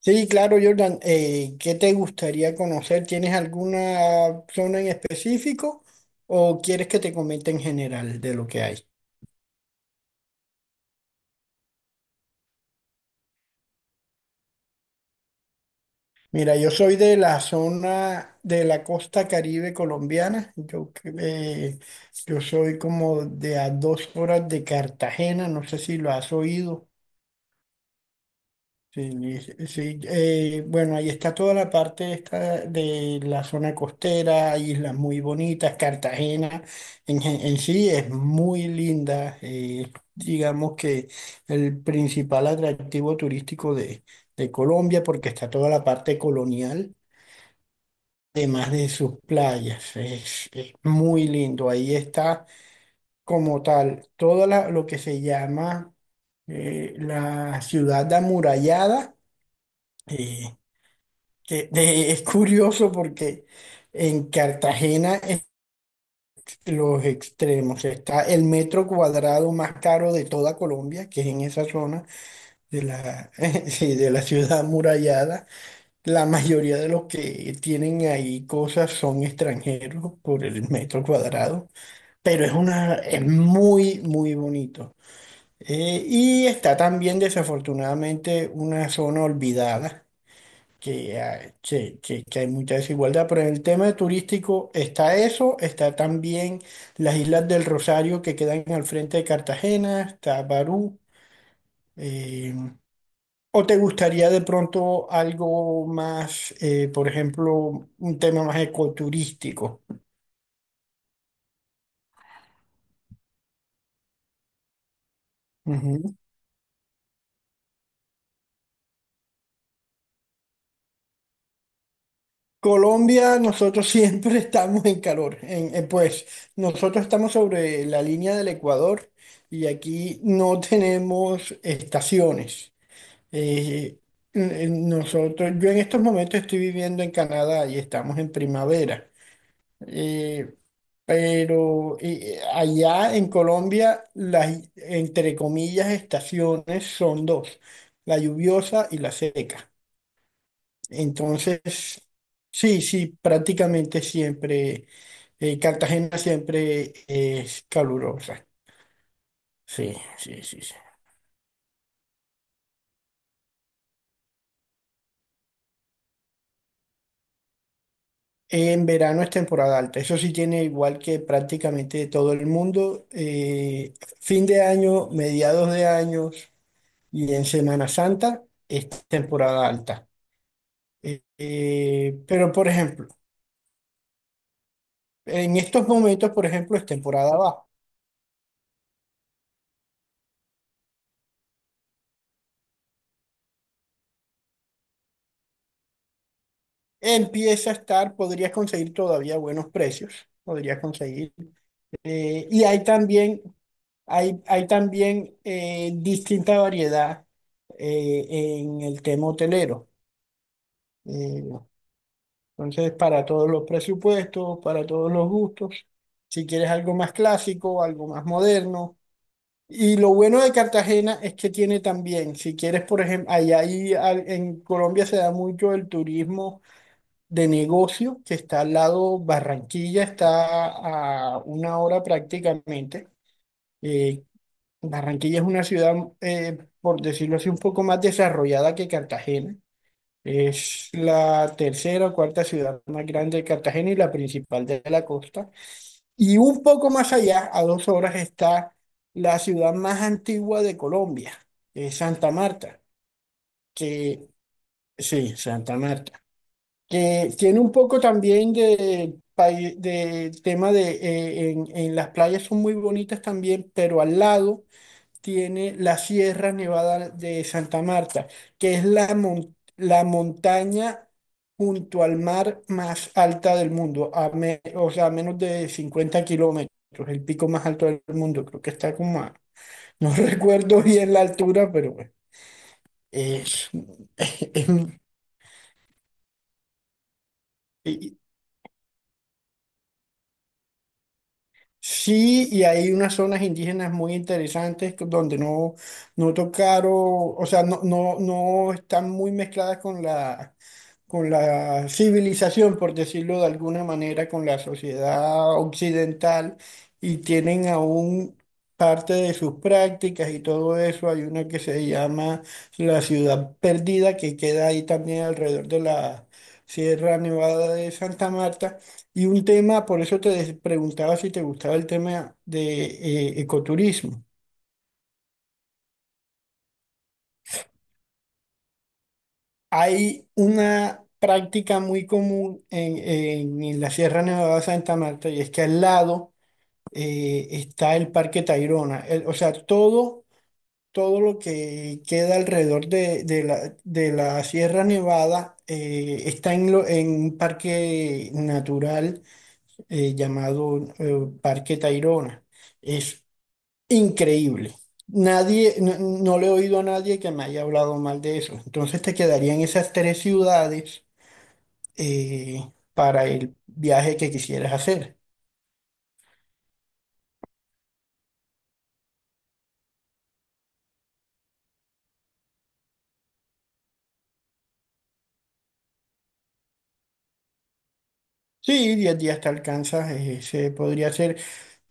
Sí, claro, Jordan. ¿Qué te gustaría conocer? ¿Tienes alguna zona en específico o quieres que te comente en general de lo que hay? Mira, yo soy de la zona de la costa Caribe colombiana. Yo soy como de a 2 horas de Cartagena. No sé si lo has oído. Sí, sí, sí. Bueno, ahí está toda la parte esta de la zona costera, hay islas muy bonitas, Cartagena en sí es muy linda, digamos que el principal atractivo turístico de Colombia porque está toda la parte colonial, además de sus playas, es muy lindo, ahí está como tal, todo lo que se llama la ciudad amurallada. eh, es curioso porque en Cartagena es los extremos. Está el metro cuadrado más caro de toda Colombia, que es en esa zona de la, sí, de la ciudad amurallada. La mayoría de los que tienen ahí cosas son extranjeros por el metro cuadrado, pero es muy, muy bonito. Y está también desafortunadamente una zona olvidada que hay mucha desigualdad, pero en el tema turístico está eso, está también las Islas del Rosario que quedan al frente de Cartagena, está Barú. eh, ¿O te gustaría de pronto algo más, por ejemplo, un tema más ecoturístico? Ujú. Colombia, nosotros siempre estamos en calor. Pues nosotros estamos sobre la línea del Ecuador y aquí no tenemos estaciones. Eh, Nosotros, yo en estos momentos estoy viviendo en Canadá y estamos en primavera. Eh, pero allá en Colombia, las, entre comillas, estaciones son dos, la lluviosa y la seca. Entonces, sí, sí, prácticamente siempre, Cartagena siempre es calurosa. Sí, sí, sí, sí. En verano es temporada alta, eso sí tiene igual que prácticamente todo el mundo. Fin de año, mediados de años y en Semana Santa es temporada alta. Pero por ejemplo, en estos momentos, por ejemplo, es temporada baja. Empieza a estar, podrías conseguir todavía buenos precios, podrías conseguir. Y hay también, hay también distinta variedad en el tema hotelero. Eh, Entonces, para todos los presupuestos, para todos los gustos, si quieres algo más clásico, algo más moderno. Y lo bueno de Cartagena es que tiene también, si quieres, por ejemplo, en Colombia se da mucho el turismo de negocio, que está al lado, Barranquilla está a una hora prácticamente. Eh, Barranquilla es una ciudad, por decirlo así, un poco más desarrollada que Cartagena. Es la tercera o cuarta ciudad más grande de Cartagena y la principal de la costa. Y un poco más allá, a 2 horas, está la ciudad más antigua de Colombia, que es Santa Marta, que sí, Santa Marta, que tiene un poco también de tema en las playas son muy bonitas también, pero al lado tiene la Sierra Nevada de Santa Marta, que es la, la montaña junto al mar más alta del mundo, o sea, a menos de 50 kilómetros, el pico más alto del mundo, creo que está como a, no recuerdo bien la altura, pero bueno, es, es- y- sí, y hay unas zonas indígenas muy interesantes donde no, no tocaron, o sea, no, no, no están muy mezcladas con la civilización, por decirlo de alguna manera, con la sociedad occidental y tienen aún parte de sus prácticas y todo eso. Hay una que se llama la ciudad perdida que queda ahí también alrededor de la Sierra Nevada de Santa Marta. Y un tema, por eso preguntaba si te gustaba el tema de ecoturismo. Hay una práctica muy común en la Sierra Nevada de Santa Marta y es que al lado está el Parque Tayrona. O sea, todo, todo lo que queda alrededor de la Sierra Nevada está en, en un parque natural llamado Parque Tayrona. Es increíble. Nadie, no, no le he oído a nadie que me haya hablado mal de eso. Entonces te quedarían esas tres ciudades para el viaje que quisieras hacer. Sí, 10 días te alcanzas, se podría hacer.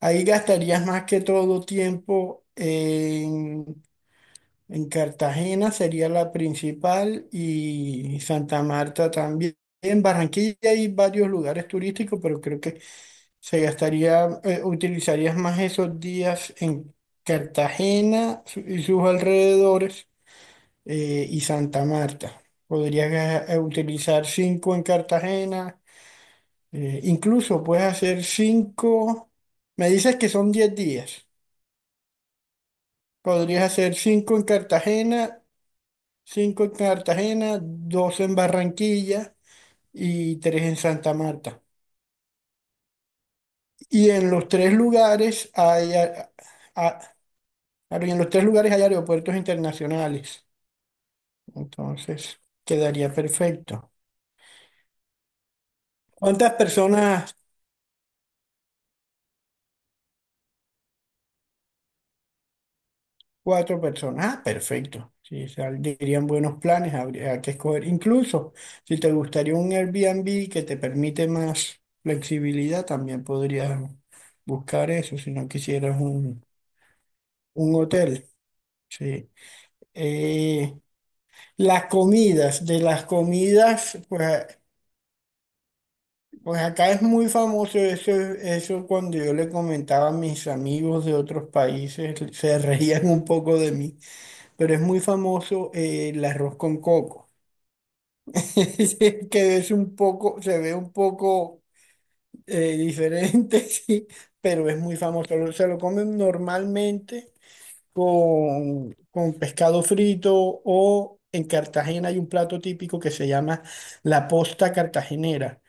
Ahí gastarías más que todo tiempo en Cartagena, sería la principal, y Santa Marta también. En Barranquilla hay varios lugares turísticos, pero creo que se gastaría, utilizarías más esos días en Cartagena y sus alrededores y Santa Marta. Podrías utilizar cinco en Cartagena. Incluso puedes hacer cinco. Me dices que son 10 días. Podrías hacer cinco en Cartagena, dos en Barranquilla y tres en Santa Marta. Y en los tres lugares hay, a- en los tres lugares hay aeropuertos internacionales. Entonces, quedaría perfecto. ¿Cuántas personas? Cuatro personas. Ah, perfecto. Sí, dirían buenos planes, habría que escoger. Incluso si te gustaría un Airbnb que te permite más flexibilidad, también podrías buscar eso si no quisieras un hotel. Sí. Eh, las comidas, de las comidas, pues acá es muy famoso eso, eso cuando yo le comentaba a mis amigos de otros países, se reían un poco de mí, pero es muy famoso el arroz con coco. Sí, que es un poco, se ve un poco diferente, sí, pero es muy famoso. Se lo comen normalmente con pescado frito o en Cartagena hay un plato típico que se llama la posta cartagenera,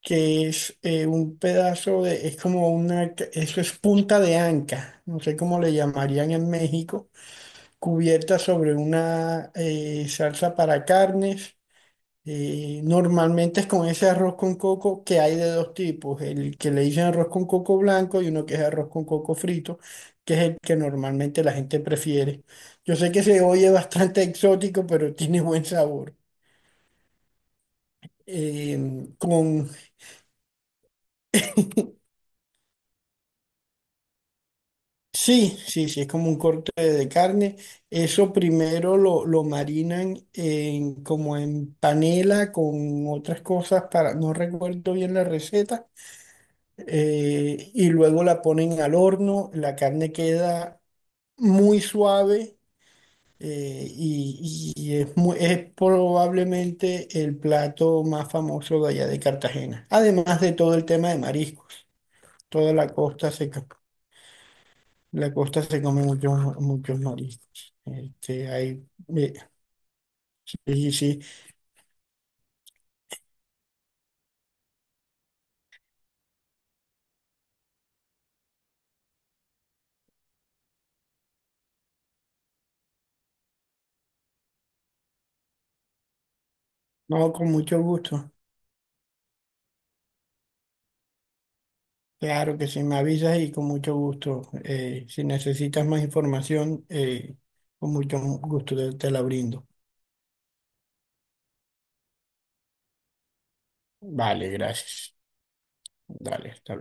que es un pedazo de, es como una, eso es punta de anca, no sé cómo le llamarían en México, cubierta sobre una salsa para carnes normalmente es con ese arroz con coco que hay de dos tipos, el que le dicen arroz con coco blanco y uno que es arroz con coco frito, que es el que normalmente la gente prefiere. Yo sé que se oye bastante exótico, pero tiene buen sabor. Eh, con, sí, sí, sí, es como un corte de carne. Eso primero lo marinan en, como en panela con otras cosas para, no recuerdo bien la receta y luego la ponen al horno, la carne queda muy suave y es, es probablemente el plato más famoso de allá de Cartagena, además de todo el tema de mariscos, toda la costa se, la costa se come muchos, muchos mariscos. Este, hay, eh, sí, sí, sí. No, con mucho gusto. Claro que sí, me avisas y con mucho gusto. Si necesitas más información, con mucho gusto te, te la brindo. Vale, gracias. Dale, hasta luego.